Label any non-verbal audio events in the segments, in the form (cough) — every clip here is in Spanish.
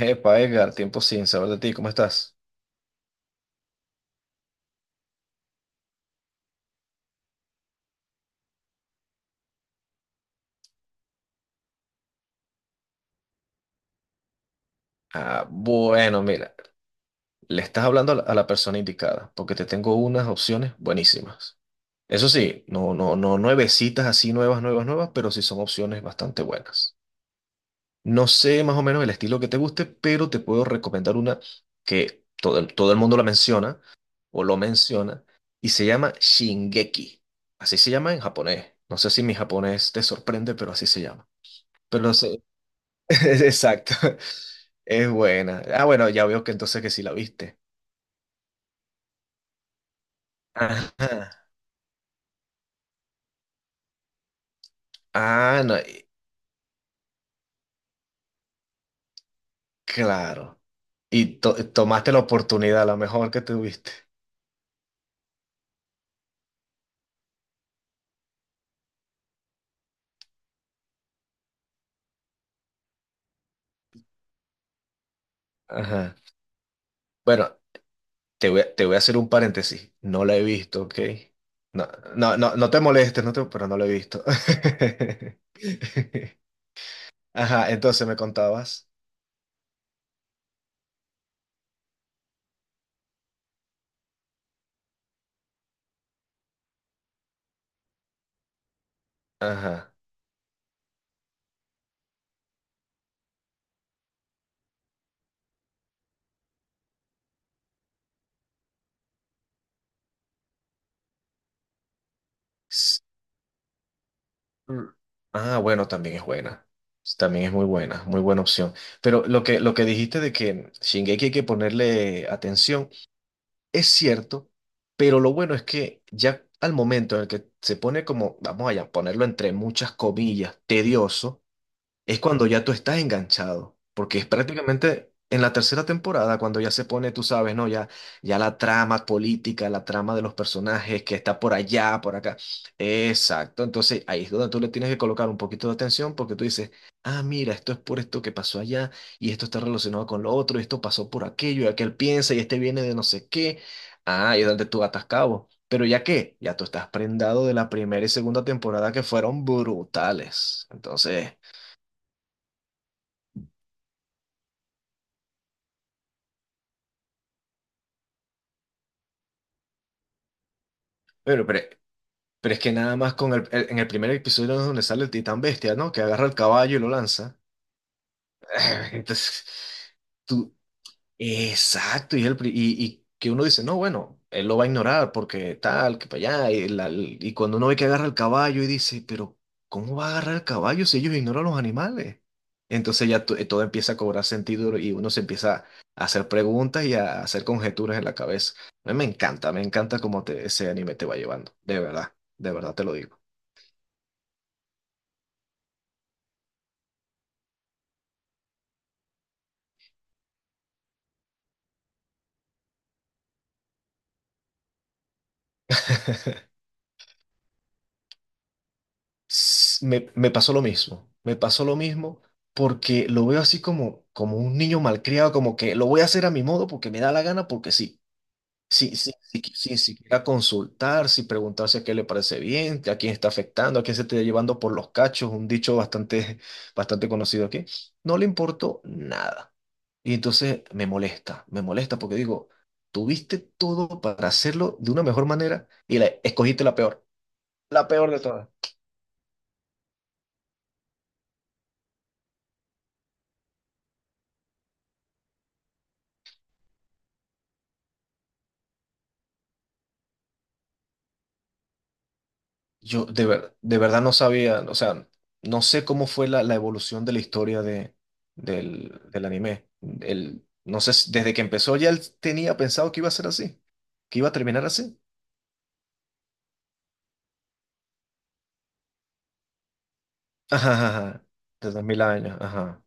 Epa, Edgar, tiempo sin saber de ti, ¿cómo estás? Ah, bueno, mira, le estás hablando a la persona indicada, porque te tengo unas opciones buenísimas. Eso sí, no nuevecitas así nuevas, nuevas, nuevas, pero sí son opciones bastante buenas. No sé más o menos el estilo que te guste, pero te puedo recomendar una que todo el mundo la menciona o lo menciona y se llama Shingeki. Así se llama en japonés. No sé si mi japonés te sorprende, pero así se llama. Pero se- (laughs) Exacto. Es buena. Ah, bueno, ya veo que entonces que sí la viste. Ajá. Ah, no, claro. Y tomaste la oportunidad, la mejor que tuviste. Ajá. Bueno, te voy a hacer un paréntesis. No la he visto, ¿ok? No, no te molestes, pero no la he visto. (laughs) Ajá, entonces me contabas. Ajá. Mm. Ah, bueno, también es buena. También es muy buena opción. Pero lo que dijiste de que Shingeki hay que ponerle atención, es cierto, pero lo bueno es que ya al momento en el que se pone como, vamos allá, ponerlo entre muchas comillas, tedioso es cuando ya tú estás enganchado, porque es prácticamente en la tercera temporada cuando ya se pone, tú sabes, ¿no? Ya, ya la trama política, la trama de los personajes que está por allá, por acá. Exacto, entonces ahí es donde tú le tienes que colocar un poquito de atención porque tú dices, ah, mira, esto es por esto que pasó allá y esto está relacionado con lo otro, y esto pasó por aquello y aquel piensa y este viene de no sé qué. Ah, y es donde tú atas cabo. Pero ya que, ya tú estás prendado de la primera y segunda temporada que fueron brutales. Entonces… Pero, pero, pero es que nada más con en el primer episodio es donde sale el titán bestia, ¿no? Que agarra el caballo y lo lanza. (laughs) Entonces, tú, Exacto, y que uno dice, no, bueno, él lo va a ignorar porque tal, que para allá, y cuando uno ve que agarra el caballo y dice, pero ¿cómo va a agarrar el caballo si ellos ignoran los animales? Entonces todo empieza a cobrar sentido y uno se empieza a hacer preguntas y a hacer conjeturas en la cabeza. A mí me encanta cómo te, ese anime te va llevando, de verdad te lo digo. Me pasó lo mismo, me pasó lo mismo porque lo veo así como, como un niño malcriado, como que lo voy a hacer a mi modo porque me da la gana, porque sí, sí, sí, sí, sí, sin siquiera consultar, sin preguntarse a qué le parece bien, a quién está afectando, a quién se está llevando por los cachos, un dicho bastante, bastante conocido aquí, no le importó nada. Y entonces me molesta porque digo, tuviste todo para hacerlo de una mejor manera y la, escogiste la peor de todas. Yo de verdad no sabía, o sea, no sé cómo fue la evolución de la historia de, del anime. El, no sé, desde que empezó ya él tenía pensado que iba a ser así, que iba a terminar así. (laughs) Ajá, ajá, ajá. Desde 1000 años, ajá.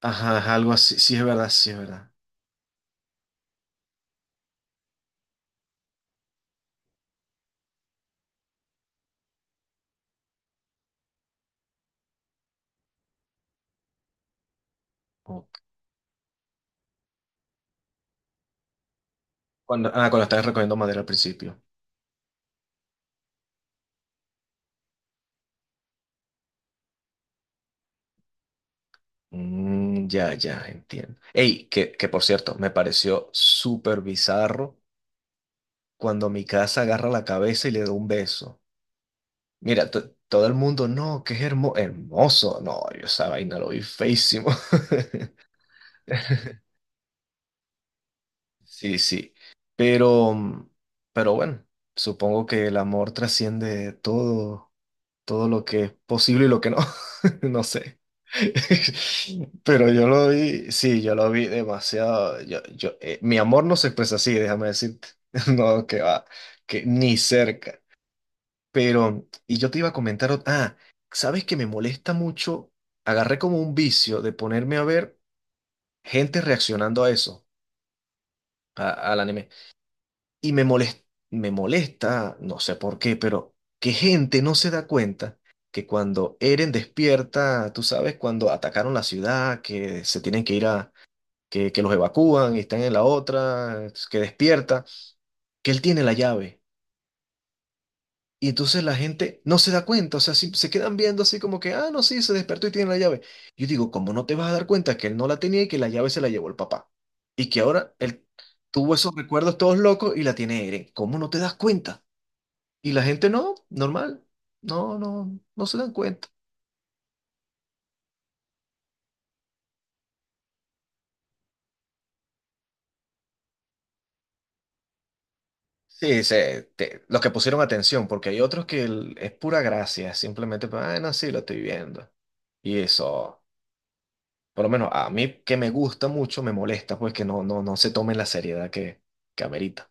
Ajá, ajá, algo así, sí es verdad, sí es verdad. Ok. Cuando, ah, cuando estabas recogiendo madera al principio. Mm, ya, ya, entiendo. Ey, que por cierto, me pareció súper bizarro cuando mi casa agarra la cabeza y le da un beso. Mira, todo el mundo, no, que es hermoso. No, yo esa vaina lo vi feísimo. (laughs) Sí, sí. Pero, mm, pero bueno, supongo que el amor trasciende todo, todo lo que es posible y lo que no. (laughs) No sé. (laughs) Pero yo lo vi, sí, yo lo vi demasiado. Yo, mi amor no se expresa así, déjame decirte. (laughs) No, que va, que ni cerca. Pero, y yo te iba a comentar, ¿sabes que me molesta mucho? Agarré como un vicio de ponerme a ver gente reaccionando a eso, al anime. Y me molesta, no sé por qué, pero que gente no se da cuenta que cuando Eren despierta, tú sabes, cuando atacaron la ciudad, que se tienen que ir a, que los evacúan y están en la otra, que despierta, que él tiene la llave. Y entonces la gente no se da cuenta, o sea, se quedan viendo así como que, ah, no, sí, se despertó y tiene la llave. Yo digo, ¿cómo no te vas a dar cuenta que él no la tenía y que la llave se la llevó el papá? Y que ahora él tuvo esos recuerdos todos locos y la tiene Eren. ¿Cómo no te das cuenta? Y la gente no, normal, no, no se dan cuenta. Sí, los que pusieron atención, porque hay otros que es pura gracia, simplemente, ah, no, sí, lo estoy viendo. Y eso. Por lo menos a mí que me gusta mucho, me molesta pues que no, no se tome la seriedad que amerita.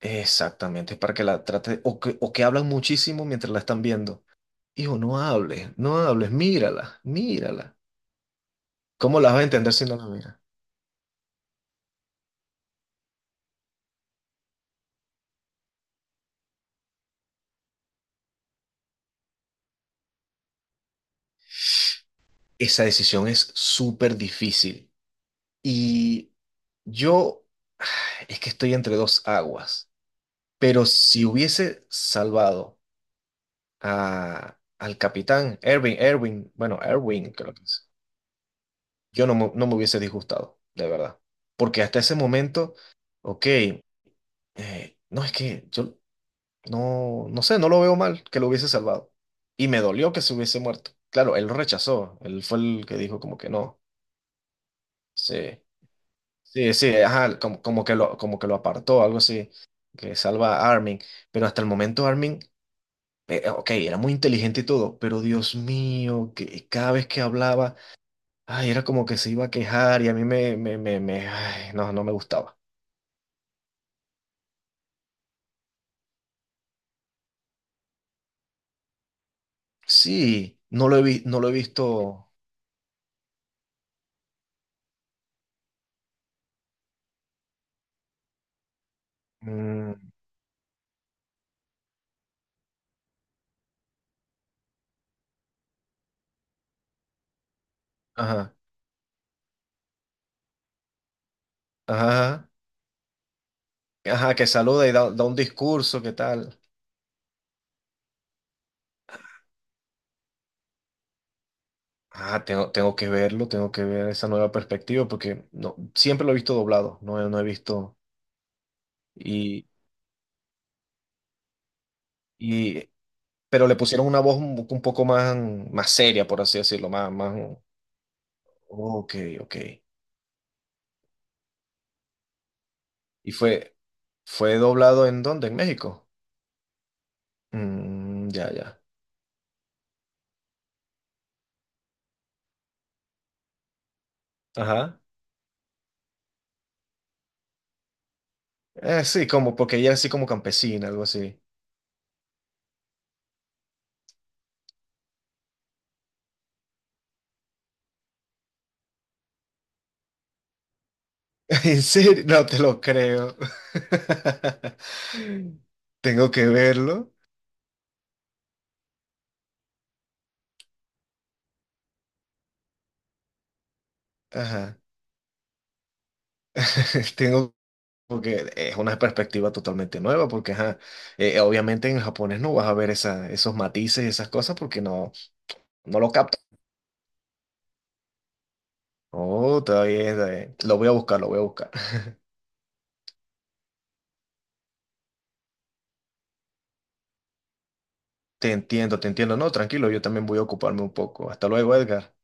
Exactamente, es para que la trate, o que hablan muchísimo mientras la están viendo. Hijo, no hables, no hables, mírala, mírala. ¿Cómo la vas a entender si no la miras? Esa decisión es súper difícil. Y yo (sighs) es que estoy entre dos aguas. Pero si hubiese salvado a, al capitán Erwin, Erwin, bueno, Erwin, creo que es. Yo no me, no me hubiese disgustado, de verdad. Porque hasta ese momento, ok, no es que yo no, no sé, no lo veo mal que lo hubiese salvado. Y me dolió que se hubiese muerto. Claro, él lo rechazó, él fue el que dijo como que no, sí, sí, sí, ajá, como, como que lo apartó, algo así, que salva a Armin. Pero hasta el momento Armin, ok, era muy inteligente y todo, pero Dios mío, que cada vez que hablaba… Ay, era como que se iba a quejar y a mí me, me, ay, no, no me gustaba. Sí, no lo he visto. Mm, ajá, ajá, ajá, que saluda y da, da un discurso, ¿qué tal? Ah, tengo, tengo que verlo, tengo que ver esa nueva perspectiva porque no, siempre lo he visto doblado, no, no he visto. Y, y, pero le pusieron una voz un poco más, más seria, por así decirlo, más, más. Ok, ok. ¿Y fue, fue doblado en dónde? ¿En México? Mm, ya, ya. Ajá. Sí, como porque ella es así como campesina, algo así. (laughs) ¿En serio? No te lo creo. (laughs) Tengo que verlo. Ajá. (laughs) Tengo porque es una perspectiva totalmente nueva, porque ajá, obviamente en japonés no vas a ver esa, esos matices y esas cosas porque no, no lo captan. Oh, todavía es lo voy a buscar, lo voy a buscar. (laughs) Te entiendo, te entiendo. No, tranquilo, yo también voy a ocuparme un poco. Hasta luego, Edgar.